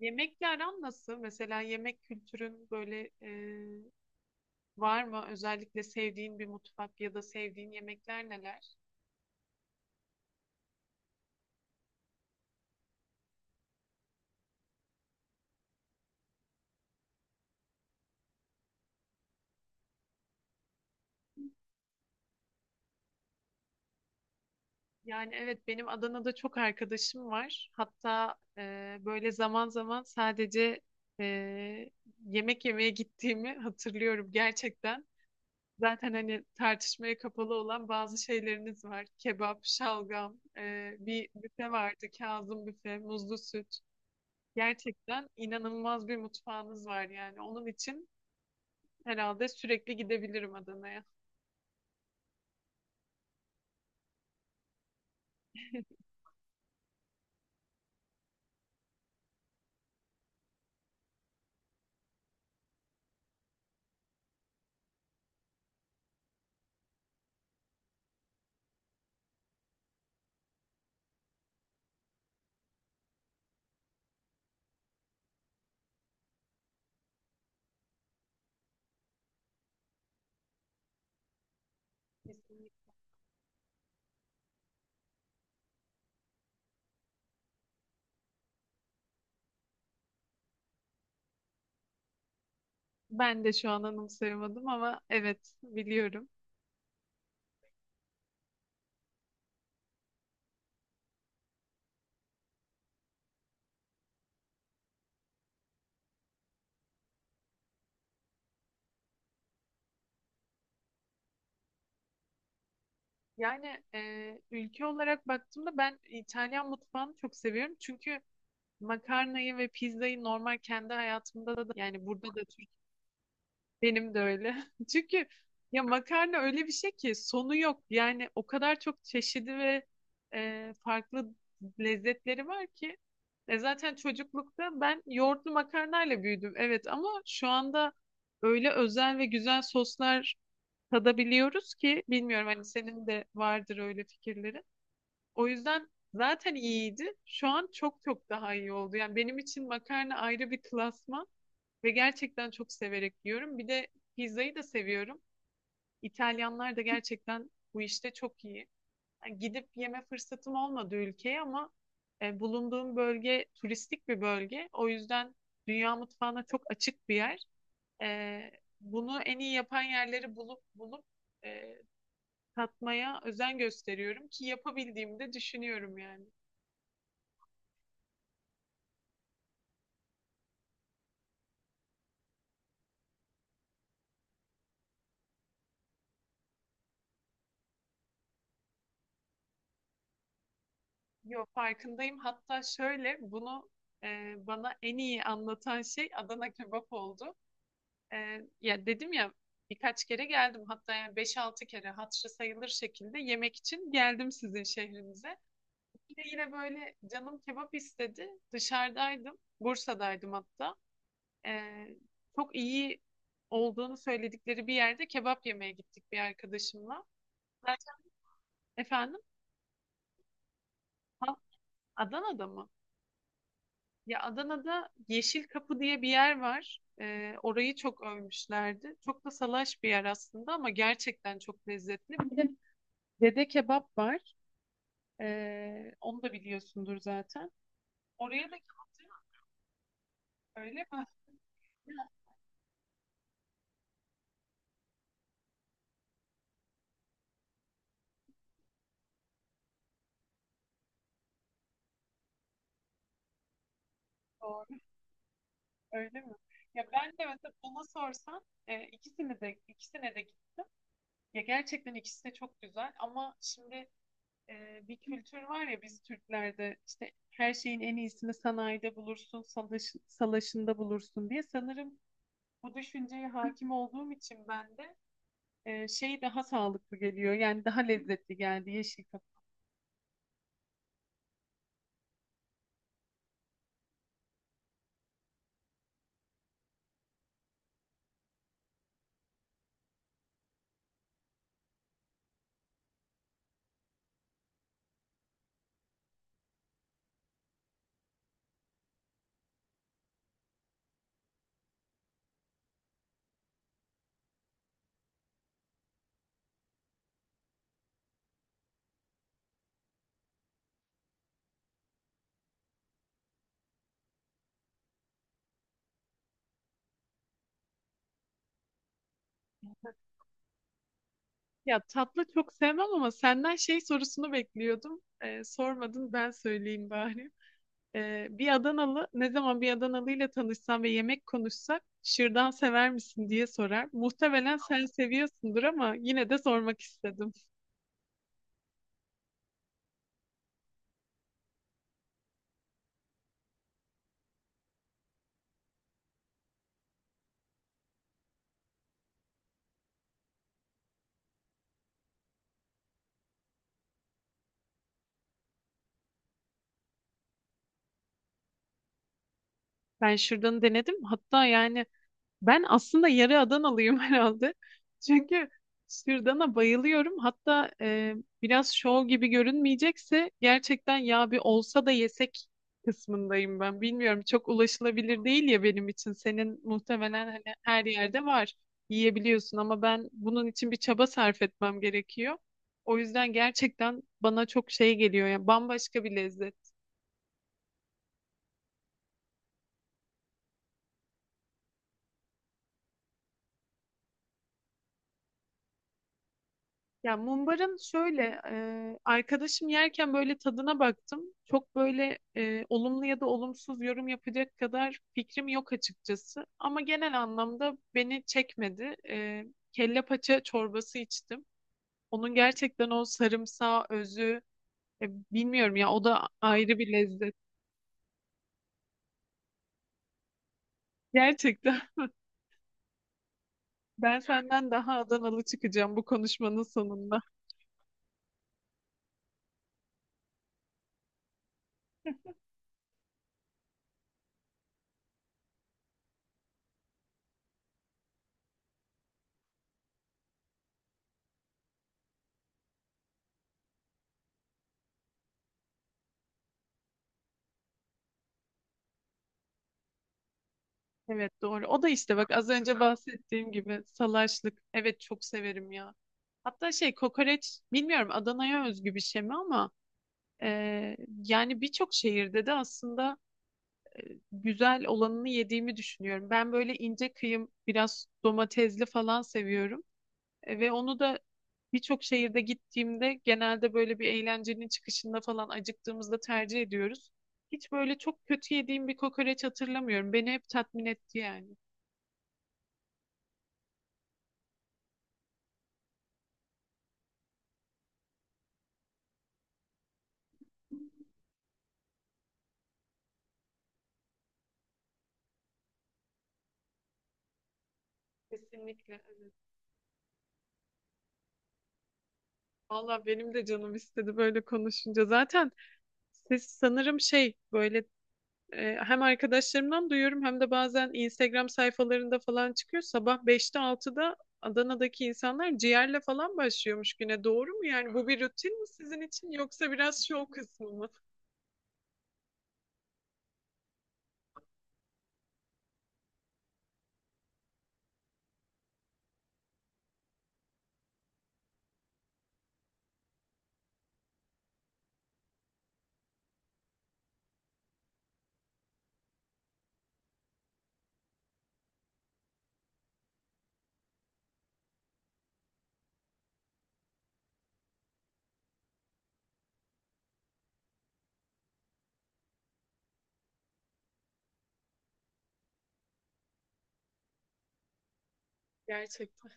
Yemekle aran nasıl? Mesela yemek kültürün böyle var mı? Özellikle sevdiğin bir mutfak ya da sevdiğin yemekler neler? Yani evet benim Adana'da çok arkadaşım var. Hatta böyle zaman zaman sadece e, yemek yemeye gittiğimi hatırlıyorum gerçekten. Zaten hani tartışmaya kapalı olan bazı şeyleriniz var. Kebap, şalgam, bir büfe vardı. Kazım büfe, muzlu süt. Gerçekten inanılmaz bir mutfağınız var yani. Onun için herhalde sürekli gidebilirim Adana'ya. Kesinlikle. Ben de şu an anımsayamadım ama evet biliyorum. Yani ülke olarak baktığımda ben İtalyan mutfağını çok seviyorum. Çünkü makarnayı ve pizzayı normal kendi hayatımda da yani burada da. Benim de öyle. Çünkü ya makarna öyle bir şey ki sonu yok. Yani o kadar çok çeşidi ve farklı lezzetleri var ki. Zaten çocuklukta ben yoğurtlu makarnayla büyüdüm. Evet ama şu anda öyle özel ve güzel soslar tadabiliyoruz ki bilmiyorum hani senin de vardır öyle fikirlerin. O yüzden zaten iyiydi. Şu an çok çok daha iyi oldu. Yani benim için makarna ayrı bir klasman. Ve gerçekten çok severek yiyorum. Bir de pizzayı da seviyorum. İtalyanlar da gerçekten bu işte çok iyi. Yani gidip yeme fırsatım olmadı ülkeye ama bulunduğum bölge turistik bir bölge. O yüzden dünya mutfağına çok açık bir yer. E, Bunu en iyi yapan yerleri bulup e, katmaya özen gösteriyorum ki yapabildiğimi de düşünüyorum yani. Yo, farkındayım. Hatta şöyle bunu bana en iyi anlatan şey Adana kebap oldu. E, Ya dedim ya, birkaç kere geldim hatta yani beş altı kere hatırı sayılır şekilde yemek için geldim sizin şehrinize. Bir de yine böyle canım kebap istedi. Dışarıdaydım. Bursa'daydım hatta. Ee, Çok iyi olduğunu söyledikleri bir yerde kebap yemeye gittik bir arkadaşımla. Zaten efendim, ha, Adana'da mı? Ya, Adana'da Yeşil Kapı diye bir yer var. Orayı çok övmüşlerdi. Çok da salaş bir yer aslında ama gerçekten çok lezzetli. Bir de Dede Kebap var. Onu da biliyorsundur zaten. Oraya da kebap, öyle mi? Ya, doğru. Öyle mi? Ya ben de mesela bana sorsan ikisini de, ikisine de, ya gerçekten ikisi de çok güzel ama şimdi bir kültür var ya biz Türklerde işte her şeyin en iyisini sanayide bulursun, salaş, salaşında bulursun diye sanırım bu düşünceye hakim olduğum için ben de şey daha sağlıklı geliyor. Yani daha lezzetli geldi Yeşil Kapı. Ya tatlı çok sevmem ama senden şey sorusunu bekliyordum. E, sormadın ben söyleyeyim bari. Bir Adanalı ne zaman bir Adanalı ile tanışsam ve yemek konuşsak şırdan sever misin diye sorar. Muhtemelen sen seviyorsundur ama yine de sormak istedim. Ben şırdanı denedim. Hatta yani ben aslında yarı Adanalıyım herhalde. Çünkü sürdana bayılıyorum. Hatta biraz şov gibi görünmeyecekse gerçekten ya bir olsa da yesek kısmındayım ben. Bilmiyorum, çok ulaşılabilir değil ya benim için. Senin muhtemelen hani her yerde var. Yiyebiliyorsun ama ben bunun için bir çaba sarf etmem gerekiyor. O yüzden gerçekten bana çok şey geliyor ya, bambaşka bir lezzet. Ya mumbarın şöyle arkadaşım yerken böyle tadına baktım. Çok böyle olumlu ya da olumsuz yorum yapacak kadar fikrim yok açıkçası. Ama genel anlamda beni çekmedi. Kelle paça çorbası içtim. Onun gerçekten o sarımsağı özü, e, bilmiyorum ya, o da ayrı bir lezzet. Gerçekten. Ben senden daha Adanalı çıkacağım bu konuşmanın sonunda. Evet doğru. O da işte bak az önce bahsettiğim gibi salaşlık. Evet çok severim ya. Hatta şey, kokoreç bilmiyorum Adana'ya özgü bir şey mi ama e, yani birçok şehirde de aslında güzel olanını yediğimi düşünüyorum. Ben böyle ince kıyım biraz domatesli falan seviyorum. Ve onu da birçok şehirde gittiğimde genelde böyle bir eğlencenin çıkışında falan acıktığımızda tercih ediyoruz. Hiç böyle çok kötü yediğim bir kokoreç hatırlamıyorum. Beni hep tatmin etti yani. Kesinlikle, evet. Valla benim de canım istedi böyle konuşunca. Zaten siz sanırım şey böyle, hem arkadaşlarımdan duyuyorum hem de bazen Instagram sayfalarında falan çıkıyor. Sabah beşte altıda Adana'daki insanlar ciğerle falan başlıyormuş güne. Doğru mu yani? Bu bir rutin mi sizin için yoksa biraz şov kısmı mı? Gerçekten.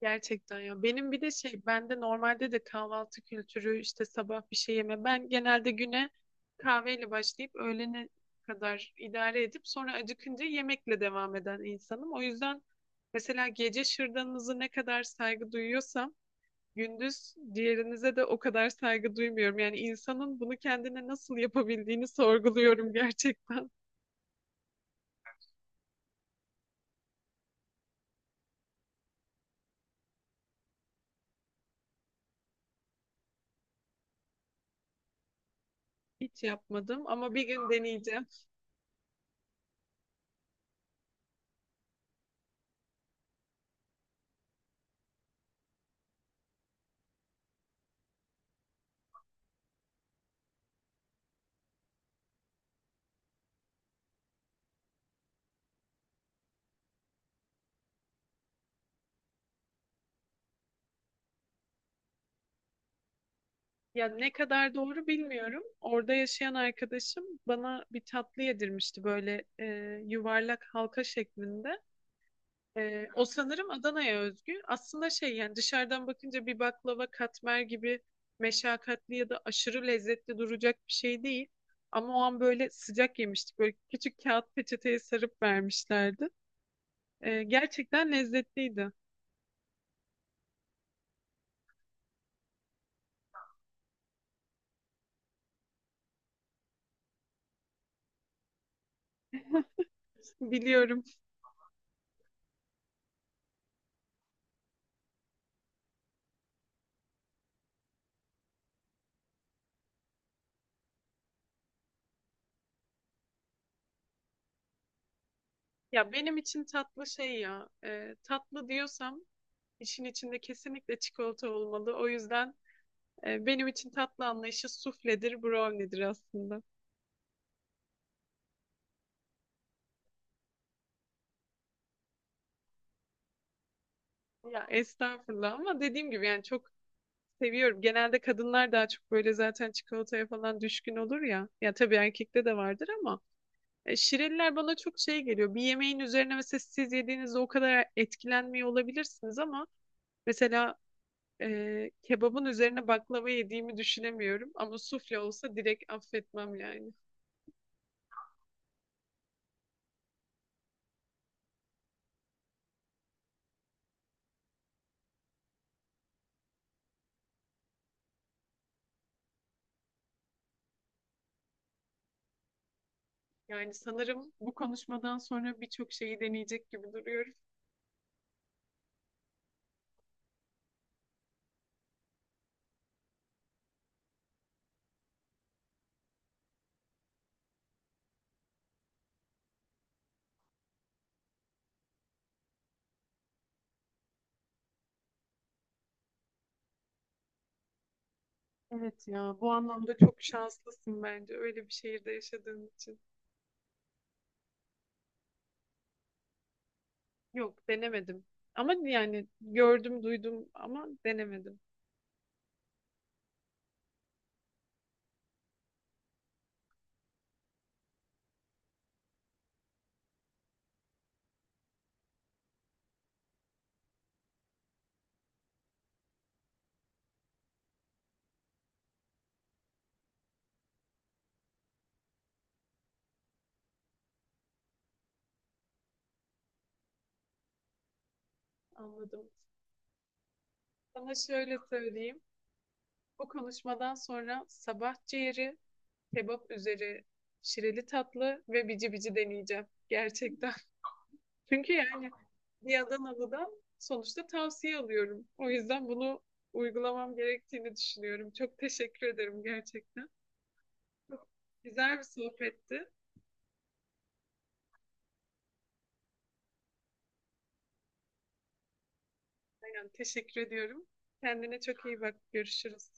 Gerçekten ya. Benim bir de şey, bende normalde de kahvaltı kültürü işte sabah bir şey yeme. Ben genelde güne kahveyle başlayıp öğlene kadar idare edip sonra acıkınca yemekle devam eden insanım. O yüzden mesela gece şırdanınızı ne kadar saygı duyuyorsam gündüz diğerinize de o kadar saygı duymuyorum. Yani insanın bunu kendine nasıl yapabildiğini sorguluyorum gerçekten. Hiç yapmadım ama bir gün deneyeceğim. Ya ne kadar doğru bilmiyorum. Orada yaşayan arkadaşım bana bir tatlı yedirmişti böyle, yuvarlak halka şeklinde. E, o sanırım Adana'ya özgü. Aslında şey, yani dışarıdan bakınca bir baklava katmer gibi meşakkatli ya da aşırı lezzetli duracak bir şey değil. Ama o an böyle sıcak yemiştik. Böyle küçük kağıt peçeteye sarıp vermişlerdi. Gerçekten lezzetliydi. Biliyorum. Ya benim için tatlı şey ya. Tatlı diyorsam İşin içinde kesinlikle çikolata olmalı. O yüzden benim için tatlı anlayışı sufledir, brownie'dir aslında. Ya estağfurullah ama dediğim gibi yani çok seviyorum. Genelde kadınlar daha çok böyle zaten çikolataya falan düşkün olur ya. Ya tabii erkekte de vardır ama şireliler bana çok şey geliyor. Bir yemeğin üzerine mesela siz yediğinizde o kadar etkilenmiyor olabilirsiniz ama mesela kebabın üzerine baklava yediğimi düşünemiyorum ama sufle olsa direkt affetmem yani. Yani sanırım bu konuşmadan sonra birçok şeyi deneyecek gibi duruyoruz. Evet ya, bu anlamda çok şanslısın bence öyle bir şehirde yaşadığın için. Yok, denemedim. Ama yani gördüm, duydum ama denemedim. Anladım. Sana şöyle söyleyeyim. Bu konuşmadan sonra sabah ciğeri, kebap üzeri, şireli tatlı ve bici bici deneyeceğim. Gerçekten. Çünkü yani bir Adanalı'dan sonuçta tavsiye alıyorum. O yüzden bunu uygulamam gerektiğini düşünüyorum. Çok teşekkür ederim gerçekten. Çok güzel bir sohbetti. Yani teşekkür ediyorum. Kendine çok iyi bak. Görüşürüz.